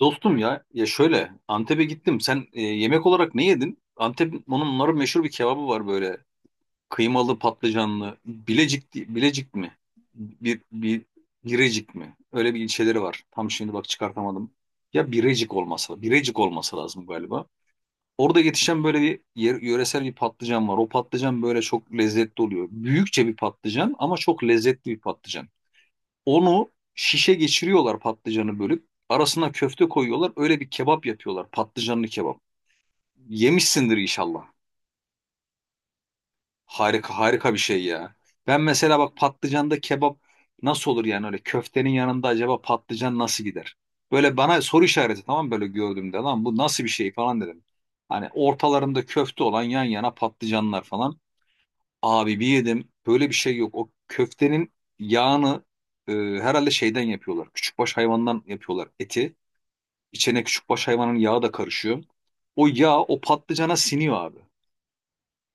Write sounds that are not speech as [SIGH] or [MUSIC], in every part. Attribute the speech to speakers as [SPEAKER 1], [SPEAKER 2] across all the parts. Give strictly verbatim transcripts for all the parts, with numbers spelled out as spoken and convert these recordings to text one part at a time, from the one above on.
[SPEAKER 1] Dostum ya ya şöyle Antep'e gittim. Sen e, yemek olarak ne yedin? Antep onun onların meşhur bir kebabı var böyle. Kıymalı patlıcanlı. Bilecik di- Bilecik mi? Bir bir Birecik mi? Öyle bir ilçeleri var. Tam şimdi bak çıkartamadım. Ya Birecik olması, Birecik olması lazım galiba. Orada yetişen böyle bir yer- yöresel bir patlıcan var. O patlıcan böyle çok lezzetli oluyor. Büyükçe bir patlıcan ama çok lezzetli bir patlıcan. Onu şişe geçiriyorlar patlıcanı bölüp. Arasına köfte koyuyorlar. Öyle bir kebap yapıyorlar. Patlıcanlı kebap. Yemişsindir inşallah. Harika harika bir şey ya. Ben mesela bak patlıcanda kebap nasıl olur yani öyle köftenin yanında acaba patlıcan nasıl gider? Böyle bana soru işareti, tamam mı? Böyle gördüğümde lan bu nasıl bir şey falan dedim. Hani ortalarında köfte olan yan yana patlıcanlar falan. Abi bir yedim. Böyle bir şey yok. O köftenin yağını e, herhalde şeyden yapıyorlar. Küçükbaş hayvandan yapıyorlar eti. İçine küçükbaş hayvanın yağı da karışıyor. O yağ o patlıcana siniyor abi.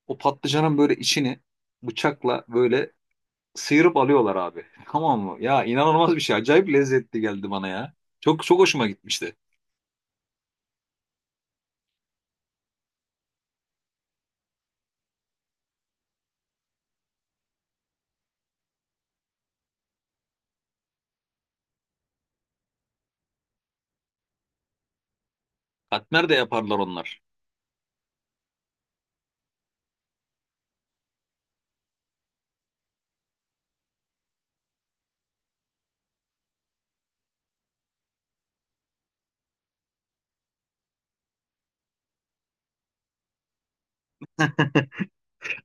[SPEAKER 1] O patlıcanın böyle içini bıçakla böyle sıyırıp alıyorlar abi. [LAUGHS] Tamam mı? Ya inanılmaz bir şey. Acayip lezzetli geldi bana ya. Çok çok hoşuma gitmişti. Katmer de yaparlar onlar.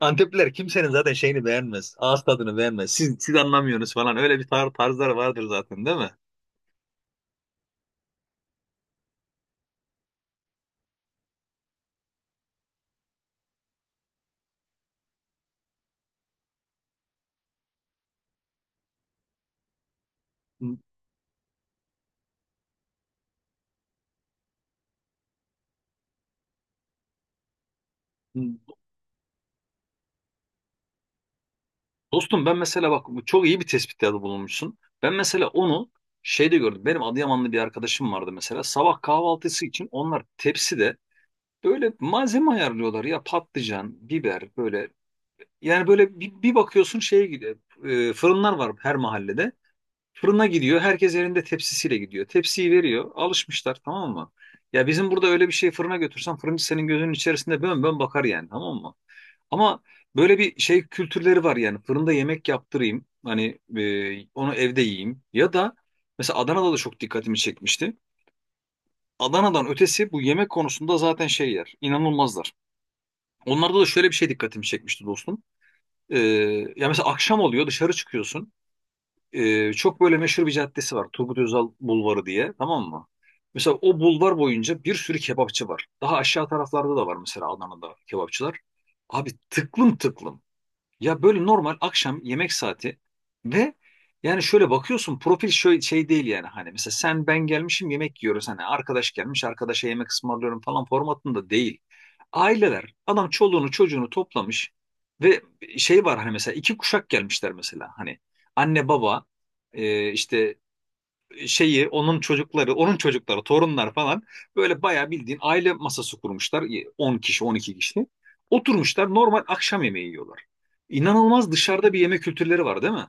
[SPEAKER 1] Antepliler kimsenin zaten şeyini beğenmez. Ağız tadını beğenmez. Siz, siz anlamıyorsunuz falan. Öyle bir tar tarzları vardır zaten, değil mi? Dostum ben mesela bak bu çok iyi bir tespitlerde bulunmuşsun. Ben mesela onu şeyde gördüm. Benim Adıyamanlı bir arkadaşım vardı mesela. Sabah kahvaltısı için onlar tepside böyle malzeme ayarlıyorlar ya, patlıcan, biber böyle. Yani böyle bir, bir bakıyorsun şeye gidiyor. E, fırınlar var her mahallede. Fırına gidiyor. Herkes elinde tepsisiyle gidiyor. Tepsiyi veriyor. Alışmışlar, tamam mı? Ya bizim burada öyle bir şey fırına götürsen fırıncı senin gözünün içerisinde bön bön bakar yani, tamam mı? Ama böyle bir şey kültürleri var yani fırında yemek yaptırayım hani e, onu evde yiyeyim ya da mesela Adana'da da çok dikkatimi çekmişti. Adana'dan ötesi bu yemek konusunda zaten şeyler inanılmazlar. Onlarda da şöyle bir şey dikkatimi çekmişti dostum. E, Ya mesela akşam oluyor, dışarı çıkıyorsun. E, çok böyle meşhur bir caddesi var Turgut Özal Bulvarı diye, tamam mı? Mesela o bulvar boyunca bir sürü kebapçı var. Daha aşağı taraflarda da var mesela Adana'da kebapçılar. Abi tıklım tıklım. Ya böyle normal akşam yemek saati ve yani şöyle bakıyorsun profil şöyle şey değil yani hani mesela sen ben gelmişim yemek yiyoruz hani arkadaş gelmiş arkadaşa yemek ısmarlıyorum falan formatında değil. Aileler adam çoluğunu çocuğunu toplamış ve şey var hani mesela iki kuşak gelmişler mesela hani anne baba e, işte şeyi, onun çocukları, onun çocukları, torunlar falan böyle bayağı bildiğin aile masası kurmuşlar. on kişi, on iki kişi. Oturmuşlar normal akşam yemeği yiyorlar. İnanılmaz dışarıda bir yeme kültürleri var değil mi?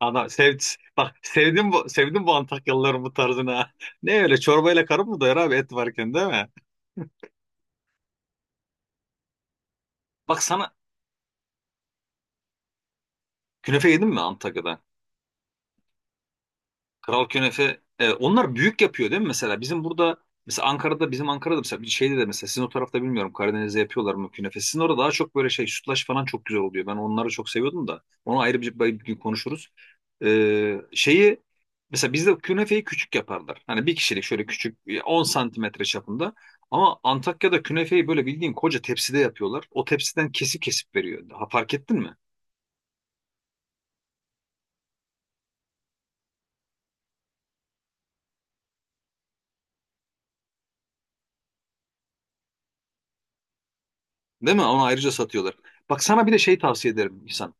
[SPEAKER 1] Ana sev, bak sevdim bu, sevdim bu Antakyalıların bu tarzını. Ha. Ne öyle çorbayla karın mı doyar abi et varken değil mi? Bak sana künefe yedin mi Antakya'da? Kral künefe, e, onlar büyük yapıyor değil mi mesela? Bizim burada mesela Ankara'da, bizim Ankara'da mesela bir şeyde de mesela sizin o tarafta bilmiyorum, Karadeniz'de yapıyorlar mı künefe? Sizin orada daha çok böyle şey sütlaç falan çok güzel oluyor. Ben onları çok seviyordum da. Onu ayrı bir, bir gün konuşuruz. E, şeyi Mesela bizde künefeyi küçük yaparlar. Hani bir kişilik şöyle küçük, e, on santimetre çapında. Ama Antakya'da künefeyi böyle bildiğin koca tepside yapıyorlar. O tepsiden kesip kesip veriyor. Ha, fark ettin mi? Değil mi? Onu ayrıca satıyorlar. Bak sana bir de şey tavsiye ederim İhsan.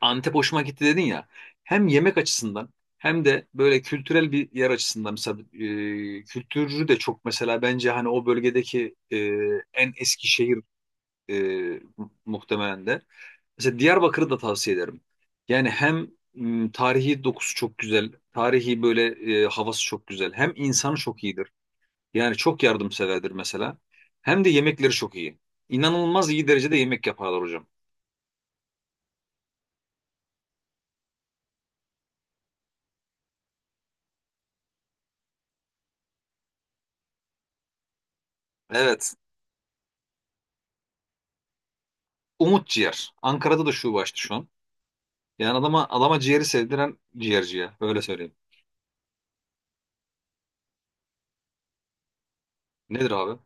[SPEAKER 1] Antep hoşuma gitti dedin ya. Hem yemek açısından hem de böyle kültürel bir yer açısından mesela e, kültürü de çok, mesela bence hani o bölgedeki e, en eski şehir e, mu- muhtemelen de. Mesela Diyarbakır'ı da tavsiye ederim. Yani hem m, tarihi dokusu çok güzel, tarihi böyle e, havası çok güzel. Hem insanı çok iyidir. Yani çok yardımseverdir mesela. Hem de yemekleri çok iyi. İnanılmaz iyi derecede yemek yaparlar hocam. Evet. Umut Ciğer. Ankara'da da şube açtı şu an. Yani adama adama ciğeri sevdiren ciğerci ya. Öyle söyleyeyim. Nedir abi?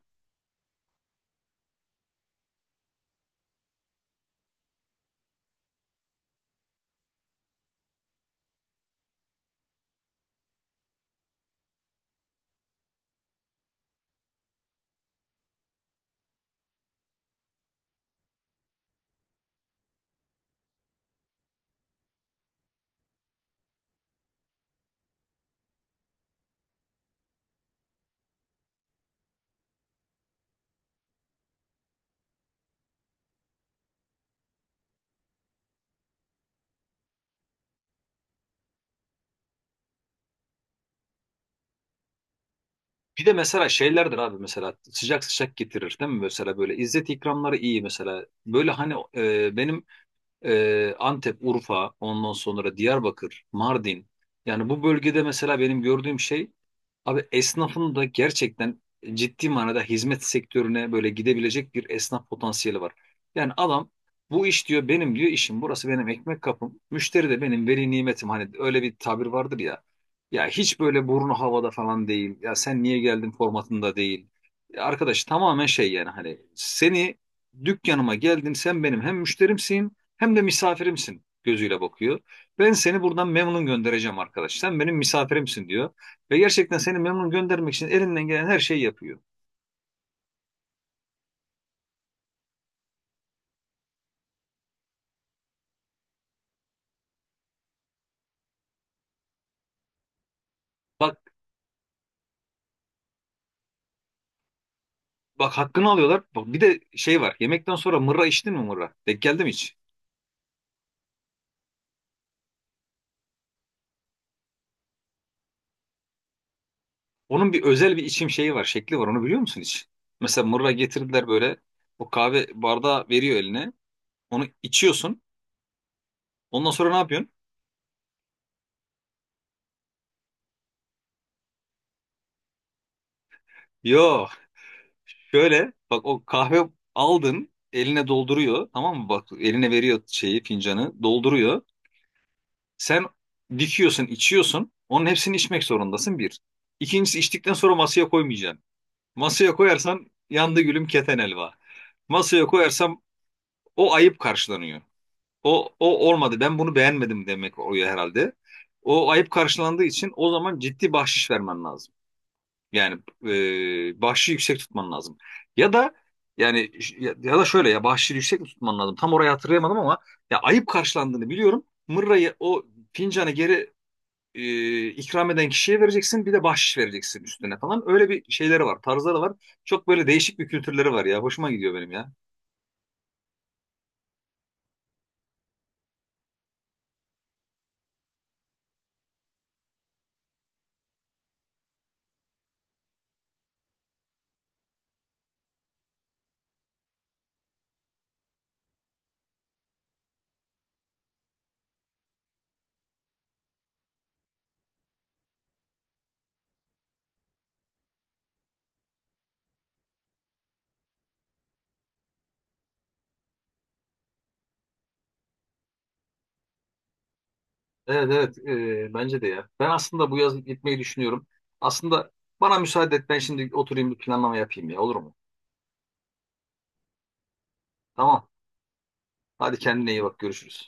[SPEAKER 1] Bir de mesela şeylerdir abi mesela sıcak sıcak getirir değil mi? Mesela böyle İzzet ikramları iyi mesela. Böyle hani e, benim Ee, Antep, Urfa, ondan sonra Diyarbakır, Mardin. Yani bu bölgede mesela benim gördüğüm şey abi esnafın da gerçekten ciddi manada hizmet sektörüne böyle gidebilecek bir esnaf potansiyeli var. Yani adam bu iş diyor benim, diyor işim burası, benim ekmek kapım. Müşteri de benim veli nimetim, hani öyle bir tabir vardır ya. Ya hiç böyle burnu havada falan değil. Ya sen niye geldin formatında değil. Ya arkadaş tamamen şey yani hani seni dükkanıma geldin sen benim hem müşterimsin hem de misafirimsin gözüyle bakıyor. Ben seni buradan memnun göndereceğim arkadaş. Sen benim misafirimsin diyor. Ve gerçekten seni memnun göndermek için elinden gelen her şeyi yapıyor. Bak bak hakkını alıyorlar. Bak bir de şey var. Yemekten sonra mırra içtin mi, mırra? Denk geldi mi hiç? Onun bir özel bir içim şeyi var, şekli var. Onu biliyor musun hiç? Mesela mırra getirdiler böyle. O kahve bardağı veriyor eline. Onu içiyorsun. Ondan sonra ne yapıyorsun? Yo. Şöyle bak, o kahve aldın eline dolduruyor tamam mı, bak eline veriyor şeyi, fincanı dolduruyor. Sen dikiyorsun içiyorsun, onun hepsini içmek zorundasın bir. İkincisi, içtikten sonra masaya koymayacaksın. Masaya koyarsan yandı gülüm keten elva. Masaya koyarsam o ayıp karşılanıyor. O, o olmadı ben bunu beğenmedim demek oluyor herhalde. O ayıp karşılandığı için o zaman ciddi bahşiş vermen lazım. Yani e, bahşişi yüksek tutman lazım. Ya da yani ya, ya da şöyle ya bahşişi yüksek mi tutman lazım? Tam orayı hatırlayamadım ama ya ayıp karşılandığını biliyorum. Mırrayı o fincanı geri e, ikram eden kişiye vereceksin. Bir de bahşiş vereceksin üstüne falan. Öyle bir şeyleri var, tarzları var. Çok böyle değişik bir kültürleri var ya. Hoşuma gidiyor benim ya. Evet evet, e, bence de ya. Ben aslında bu yaz gitmeyi düşünüyorum. Aslında bana müsaade et ben şimdi oturayım bir planlama yapayım ya, olur mu? Tamam. Hadi kendine iyi bak, görüşürüz.